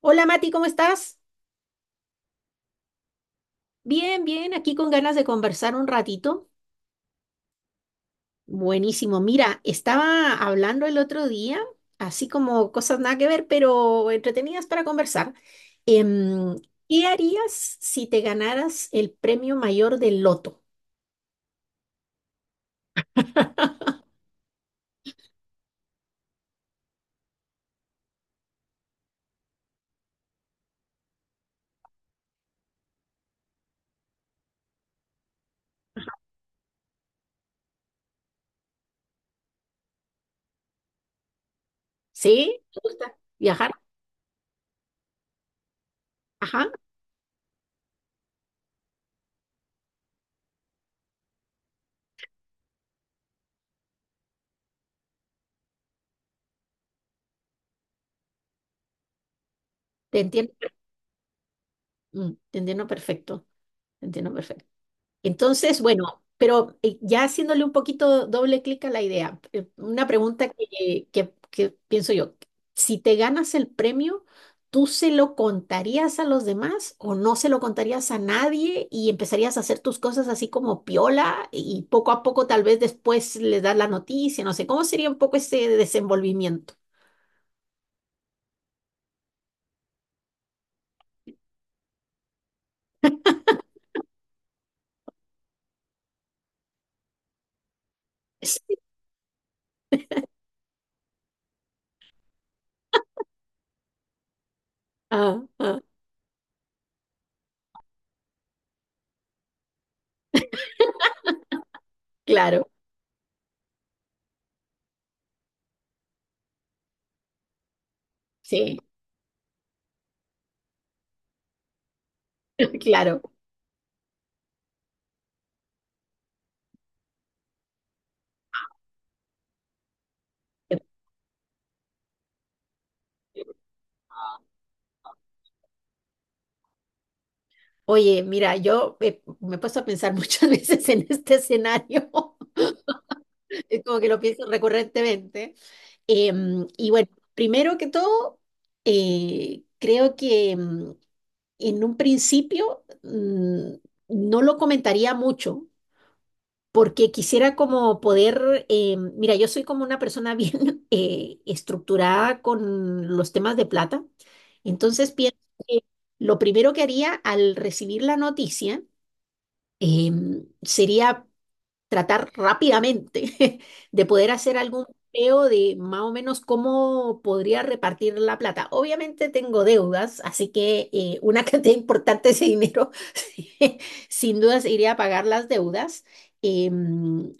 Hola Mati, ¿cómo estás? Bien, bien, aquí con ganas de conversar un ratito. Buenísimo. Mira, estaba hablando el otro día, así como cosas nada que ver, pero entretenidas para conversar. Em, ¿Qué harías si te ganaras el premio mayor del loto? ¿Sí? ¿Te gusta viajar? Ajá, te entiendo. Mm, te entiendo perfecto. Te entiendo perfecto. Entonces, bueno, pero ya haciéndole un poquito doble clic a la idea, una pregunta que pienso yo, si te ganas el premio, ¿tú se lo contarías a los demás o no se lo contarías a nadie y empezarías a hacer tus cosas así como piola y poco a poco tal vez después le das la noticia, no sé, ¿cómo sería un poco ese desenvolvimiento? Sí. Ah, ah, claro, sí, claro. Oye, mira, yo me he puesto a pensar muchas veces en este escenario, es como que lo pienso recurrentemente. Y bueno, primero que todo, creo que en un principio no lo comentaría mucho, porque quisiera como poder, mira, yo soy como una persona bien estructurada con los temas de plata, entonces pienso que lo primero que haría al recibir la noticia, sería tratar rápidamente de poder hacer algún peo de más o menos cómo podría repartir la plata. Obviamente tengo deudas, así que una cantidad importante de ese dinero sin dudas iría a pagar las deudas. em,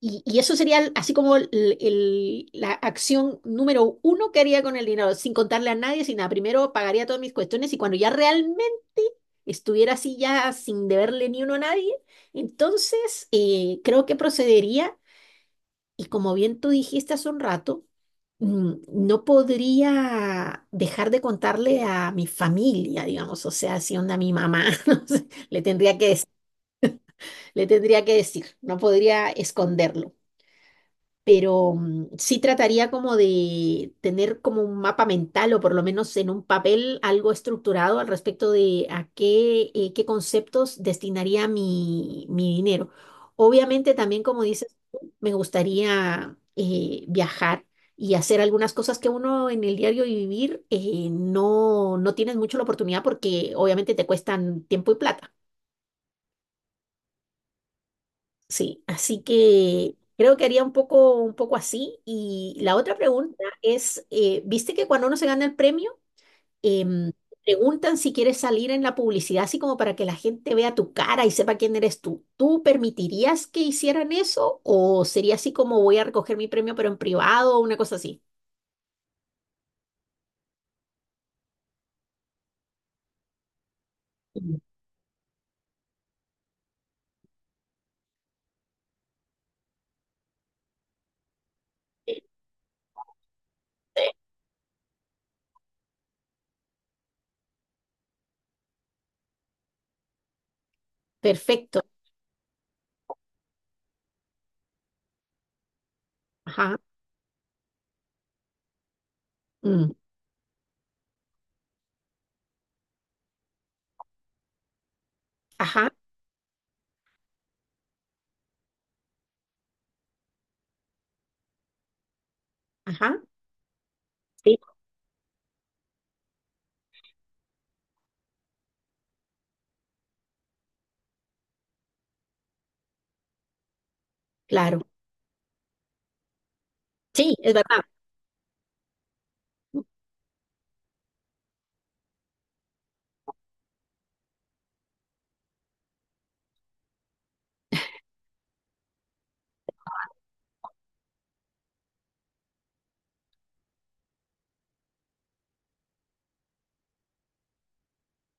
y eso sería el- así como el- la acción número uno que haría con el dinero, sin contarle a nadie, sin nada. Primero pagaría todas mis cuestiones y cuando ya realmente estuviera así ya sin deberle ni uno a nadie, entonces, creo que procedería, y como bien tú dijiste hace un rato, no podría dejar de contarle a mi familia, digamos, o sea, si onda mi mamá, no sé, le tendría que decir, no podría esconderlo. Pero sí trataría como de tener como un mapa mental o por lo menos en un papel algo estructurado al respecto de a qué, qué conceptos destinaría mi dinero. Obviamente también, como dices, tú, me gustaría viajar y hacer algunas cosas que uno en el diario vivir no tienes mucho la oportunidad porque obviamente te cuestan tiempo y plata. Sí, así que creo que haría un poco así. Y la otra pregunta es, ¿viste que cuando uno se gana el premio, em, preguntan si quieres salir en la publicidad, así como para que la gente vea tu cara y sepa quién eres tú? ¿Tú permitirías que hicieran eso o sería así como voy a recoger mi premio pero en privado o una cosa así? Mm. Perfecto. Ajá. mm, Ajá. Ajá. Sí, claro. Sí, es verdad.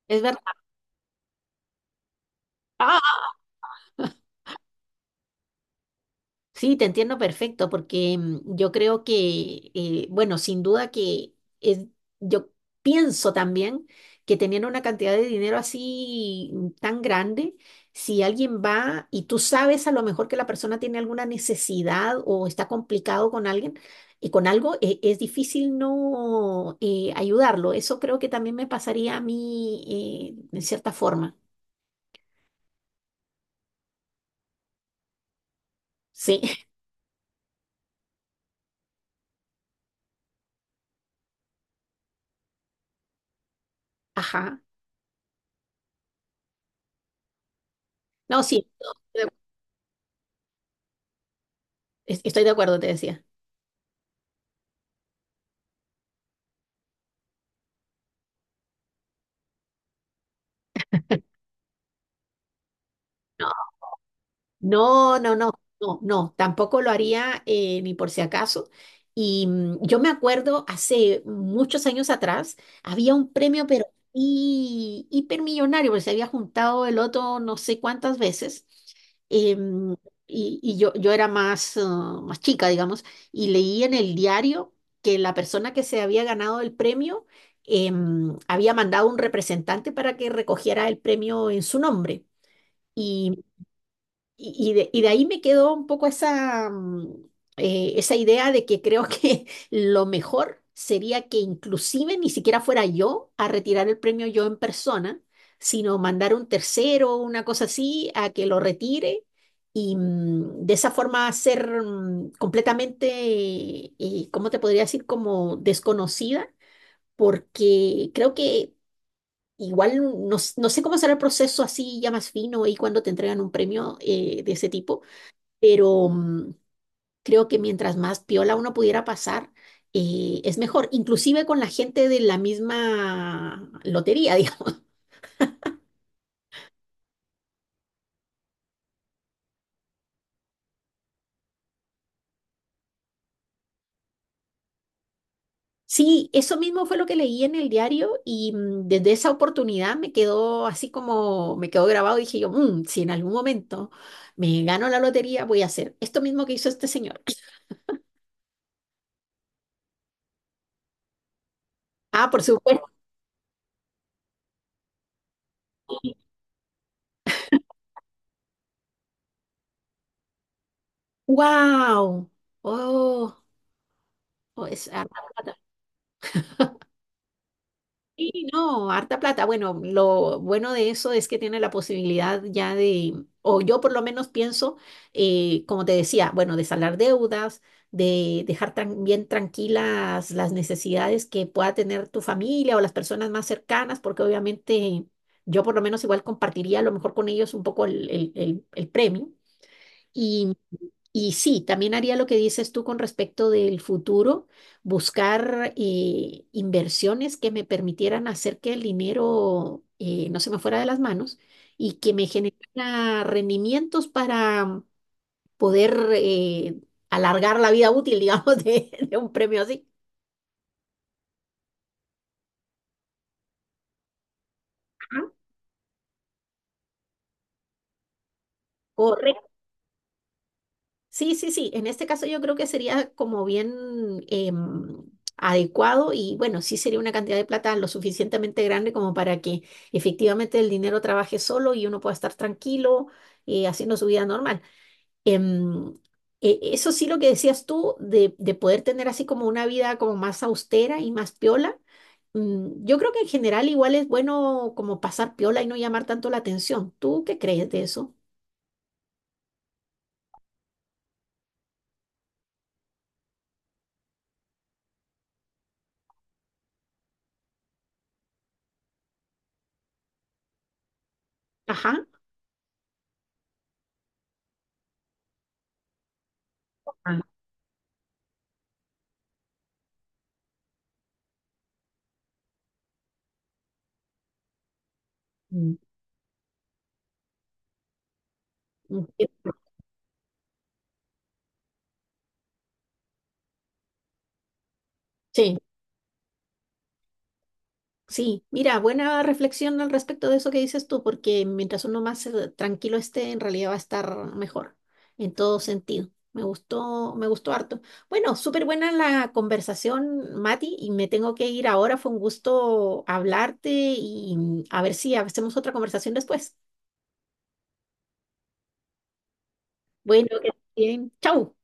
Es verdad. Sí, te entiendo perfecto, porque yo creo que, bueno, sin duda que es- yo pienso también que teniendo una cantidad de dinero así tan grande, si alguien va y tú sabes a lo mejor que la persona tiene alguna necesidad o está complicado con alguien y con algo, es difícil no ayudarlo. Eso creo que también me pasaría a mí en cierta forma. Sí, ajá. No, sí, estoy de estoy de acuerdo, te decía. No, no, no, no, no, tampoco lo haría ni por si acaso. Y yo me acuerdo hace muchos años atrás, había un premio, pero hipermillonario, porque se había juntado el otro no sé cuántas veces. em, yo era más chica, digamos, y leí en el diario que la persona que se había ganado el premio había mandado un representante para que recogiera el premio en su nombre. y y de ahí me quedó un poco esa idea de que creo que lo mejor sería que inclusive ni siquiera fuera yo a retirar el premio yo en persona, sino mandar un tercero o una cosa así a que lo retire y de esa forma ser completamente, ¿cómo te podría decir? Como desconocida, porque creo que. Igual no, no sé cómo será el proceso así ya más fino y cuando te entregan un premio de ese tipo, pero creo que mientras más piola uno pudiera pasar, es mejor, inclusive con la gente de la misma lotería, digamos. Sí, eso mismo fue lo que leí en el diario y desde esa oportunidad me quedó así como me quedó grabado. Dije yo, "Mm, si en algún momento me gano la lotería, voy a hacer esto mismo que hizo este señor." Ah, por supuesto. ¡Wow! Oh, oh, es harta plata. Sí, no, harta plata. Bueno, lo bueno de eso es que tiene la posibilidad ya de, o yo por lo menos pienso, como te decía, bueno, de saldar deudas, de bien tranquilas las necesidades que pueda tener tu familia o las personas más cercanas, porque obviamente yo por lo menos igual compartiría a lo mejor con ellos un poco el premio. Y, y sí, también haría lo que dices tú con respecto del futuro, buscar inversiones que me permitieran hacer que el dinero no se me fuera de las manos y que me generara rendimientos para poder alargar la vida útil, digamos, de un premio así. Ajá. Correcto. Sí, sí, sí. En este caso yo creo que sería como bien adecuado y bueno, sí sería una cantidad de plata lo suficientemente grande como para que efectivamente el dinero trabaje solo y uno pueda estar tranquilo haciendo su vida normal. Em, eso sí lo que decías tú de poder tener así como una vida como más austera y más piola. Yo creo que en general igual es bueno como pasar piola y no llamar tanto la atención. ¿Tú qué crees de eso? Ajá. Ah, mm. Mm, sí, sí, mira, buena reflexión al respecto de eso que dices tú, porque mientras uno más tranquilo esté, en realidad va a estar mejor en todo sentido. Me gustó harto. Bueno, súper buena la conversación, Mati, y me tengo que ir ahora. Fue un gusto hablarte y a ver si hacemos otra conversación después. Bueno, que estés bien. Chau.